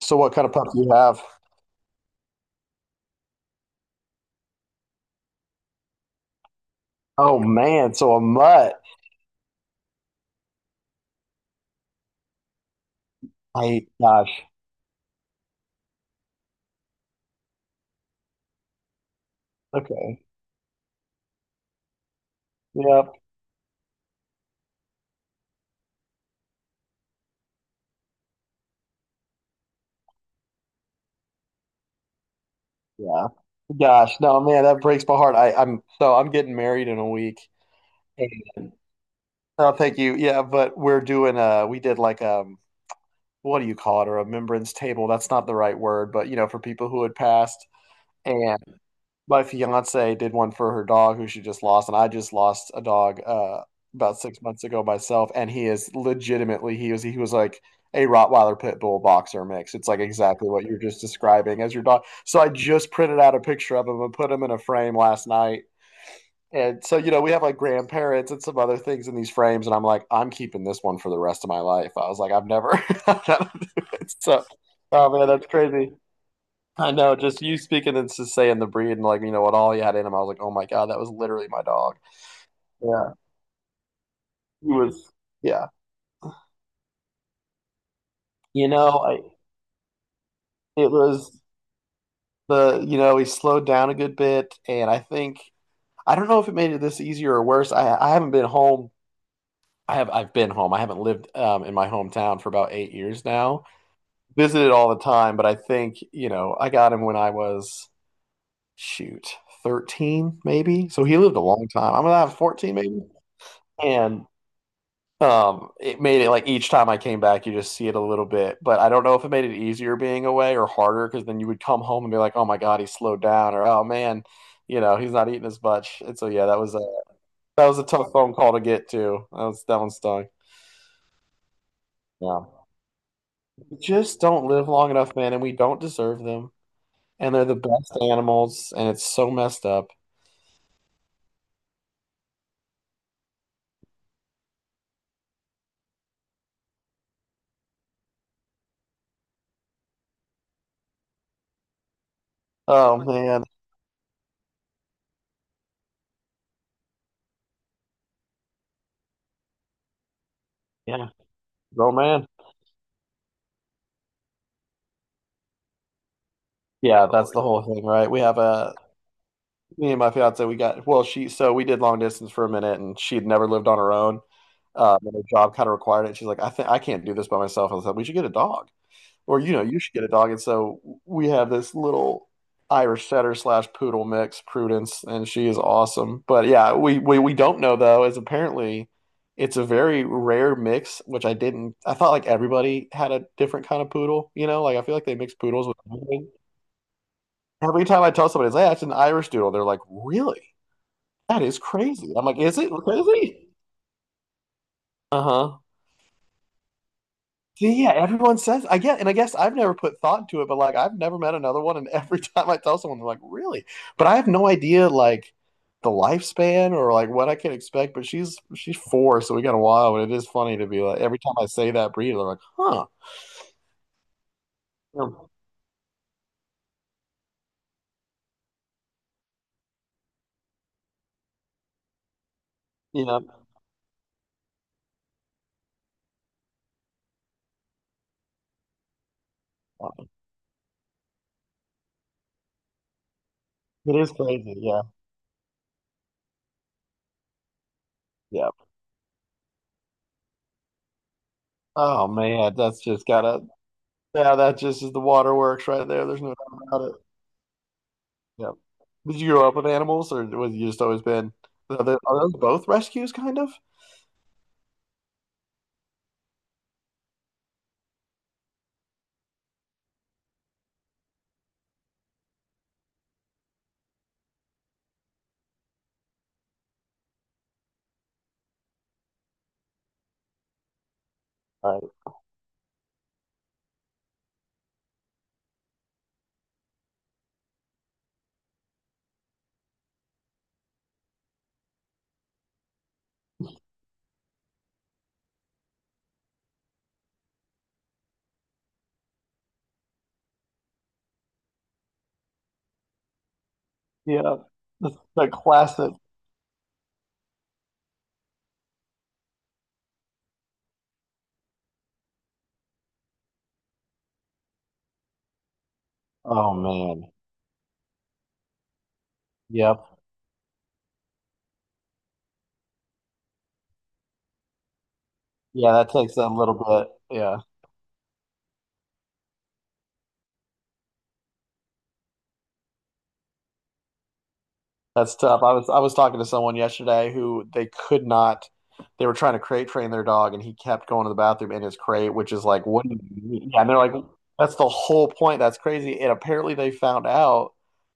So what kind of pup do you have? Oh man, so a mutt. I gosh. Okay. Yep. Yeah. Gosh. No, man, that breaks my heart. I'm so I'm getting married in a week. And oh, thank you. Yeah, but we're doing we did like what do you call it? A remembrance table. That's not the right word, but you know, for people who had passed. And my fiance did one for her dog who she just lost, and I just lost a dog about 6 months ago myself, and he is legitimately he was like a Rottweiler pit bull boxer mix. It's like exactly what you're just describing as your dog. So I just printed out a picture of him and put him in a frame last night. And so, you know, we have like grandparents and some other things in these frames, and I'm like, I'm keeping this one for the rest of my life. I was like, I've never. So, oh man, that's crazy. I know, just you speaking and just saying the breed and like you know what all he had in him. I was like, oh my god, that was literally my dog. Yeah, he was. Yeah, you know, I it was the he slowed down a good bit, and I think I don't know if it made it this easier or worse. I haven't been home. I've been home. I haven't lived in my hometown for about 8 years now. Visited all the time, but I think you know I got him when I was shoot 13 maybe. So he lived a long time. I'm gonna have 14 maybe, and it made it like each time I came back, you just see it a little bit, but I don't know if it made it easier being away or harder because then you would come home and be like, "Oh my God, he slowed down," or "Oh man, you know, he's not eating as much." And so yeah, that was a tough phone call to get to. That was that one stung. Yeah, we just don't live long enough, man, and we don't deserve them. And they're the best animals, and it's so messed up. Oh man, yeah, grown man. Yeah, that's the whole thing, right? We have a me and my fiance, we got well, she so we did long distance for a minute, and she had never lived on her own. And her job kind of required it. She's like, I think I can't do this by myself. I said, we should get a dog, or you know, you should get a dog. And so we have this little Irish setter slash poodle mix, Prudence, and she is awesome. But yeah, we don't know though, is apparently it's a very rare mix, which I didn't. I thought like everybody had a different kind of poodle. You know, like I feel like they mix poodles with everything. Every time I tell somebody, it's, like, hey, it's an Irish doodle, they're like, really? That is crazy. I'm like, is it crazy? Uh-huh. See, yeah, everyone says I get, and I guess I've never put thought into it, but like I've never met another one, and every time I tell someone, they're like, really? But I have no idea like the lifespan or like what I can expect. But she's four, so we got a while, but it is funny to be like every time I say that breed, they're like, huh. Um, you know, it is crazy. Yeah, yeah. Oh man, that's just gotta yeah, that just is the waterworks right there. There's no doubt about it. Yeah. Did you grow up with animals, or was you just always been? Are those both rescues, kind of? Right. Yeah. The classic. Oh man. Yep. Yeah, that takes a little bit. Yeah. That's tough. I was talking to someone yesterday who they could not. They were trying to crate train their dog, and he kept going to the bathroom in his crate, which is like, what do you mean? Yeah, and they're like, that's the whole point. That's crazy. And apparently, they found out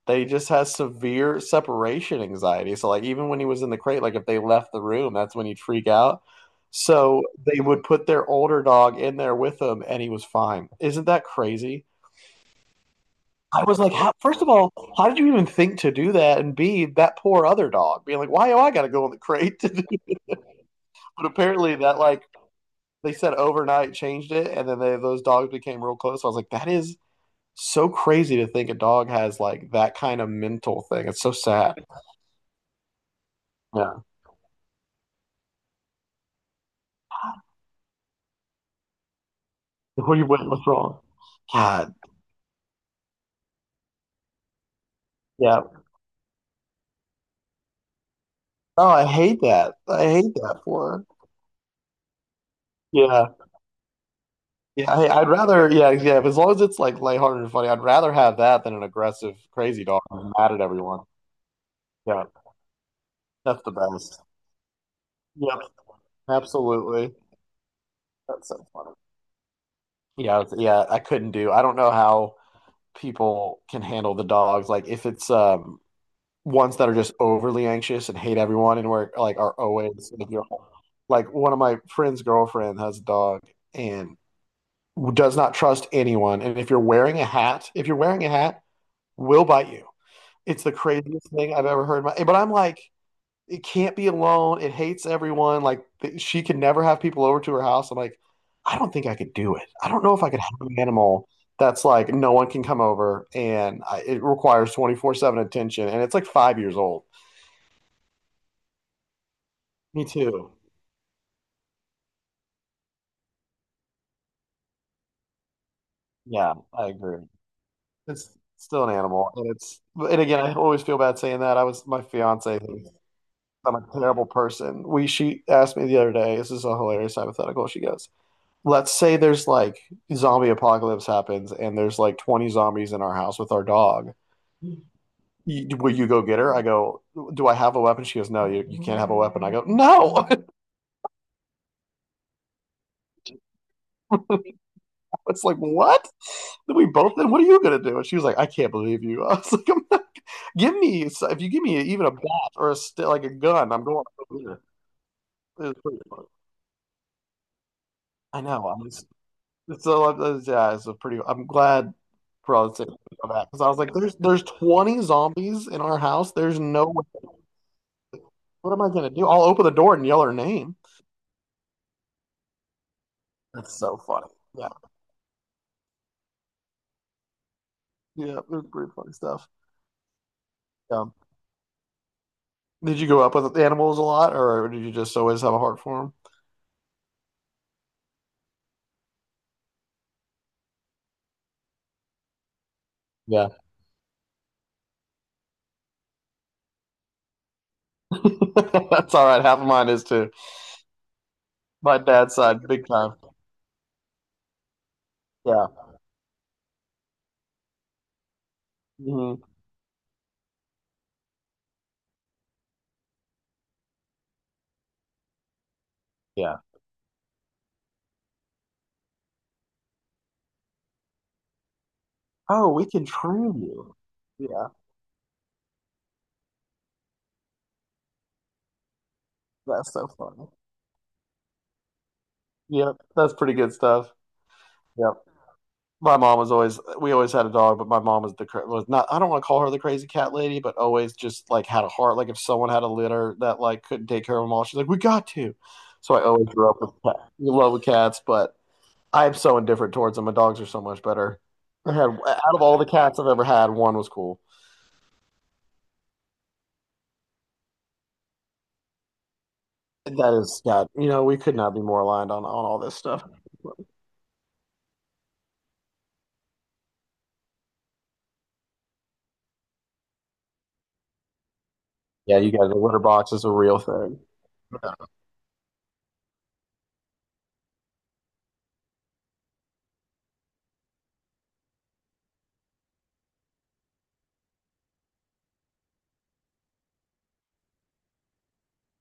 that he just has severe separation anxiety. So, like, even when he was in the crate, like if they left the room, that's when he'd freak out. So they would put their older dog in there with him, and he was fine. Isn't that crazy? I was like, how, first of all, how did you even think to do that? And B, that poor other dog being like, why do I got to go in the crate? To do? But apparently, that like they said overnight changed it, and then they, those dogs became real close. So I was like, that is so crazy to think a dog has like that kind of mental thing. It's so sad. Yeah. What do you what's wrong? God. Yeah. Oh, I hate that. I hate that for her. Yeah. Yeah. I, I'd rather. Yeah. Yeah. As long as it's like lighthearted and funny, I'd rather have that than an aggressive, crazy dog who's mad at everyone. Yeah. That's the best. Yep, absolutely. That's so funny. Yeah, I couldn't do. I don't know how people can handle the dogs. Like if it's ones that are just overly anxious and hate everyone and were like are always like, you know, like one of my friend's girlfriend has a dog and does not trust anyone. And if you're wearing a hat, if you're wearing a hat, will bite you. It's the craziest thing I've ever heard. My, but I'm like, it can't be alone. It hates everyone. Like she can never have people over to her house. I'm like, I don't think I could do it. I don't know if I could have an animal that's like no one can come over and it requires 24/7 attention and it's like 5 years old. Me too. Yeah, I agree. It's still an animal and it's and again, I always feel bad saying that. I was my fiance thinks I'm a terrible person. We she asked me the other day, this is a hilarious hypothetical. She goes, let's say there's like zombie apocalypse happens and there's like 20 zombies in our house with our dog. You, will you go get her? I go, do I have a weapon? She goes, no, you can't have a weapon. I go, no. It's like, what? Then we both, then what are you going to do? And she was like, I can't believe you. I was like, I'm not, give me, so, if you give me even a bat or a, like a gun, I'm going over here. It was pretty fun. I know. I'm just, it's a, yeah, it's a pretty, I'm glad for all the sake of that. Because I was like, there's 20 zombies in our house. There's no what am I gonna do? I'll open the door and yell her name. That's so funny. Yeah, yeah, it was pretty funny stuff. Yeah. Did you go up with the animals a lot, or did you just always have a heart for them? Yeah, that's all right. Half of mine is too. My dad's side, big time. Yeah. Hmm. Yeah. Oh, we can train you. Yeah, that's so funny. Yep, that's pretty good stuff. Yeah. my mom was always we always had a dog, but my mom was the was not I don't want to call her the crazy cat lady, but always just like had a heart. Like if someone had a litter that like couldn't take care of them all, she's like, "We got to." So I always grew up with love with cats, but I am so indifferent towards them. My dogs are so much better. I had out of all the cats I've ever had, one was cool. That is God. You know, we could not be more aligned on all this stuff. Yeah, you guys, the litter box is a real thing.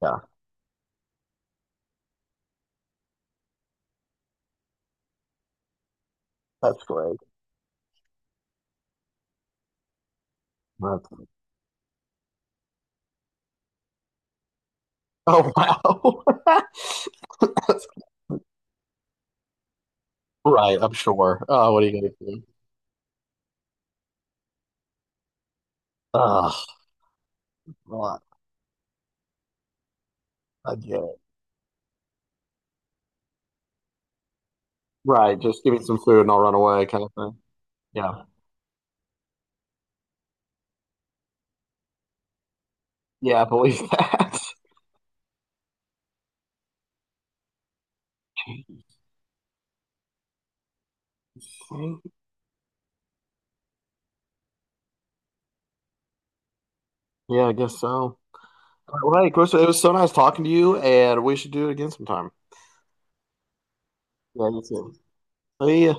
Yeah, that's great. That's- oh wow. Right, I'm sure. Oh, what are you gonna do? Ugh, well, I get it. Right, just give me some food and I'll run away, kind of thing. Yeah, yeah, I believe that. Yeah, I guess so. All right, well, hey, Chris, it was so nice talking to you, and we should do it again sometime. Yeah, you too. See ya.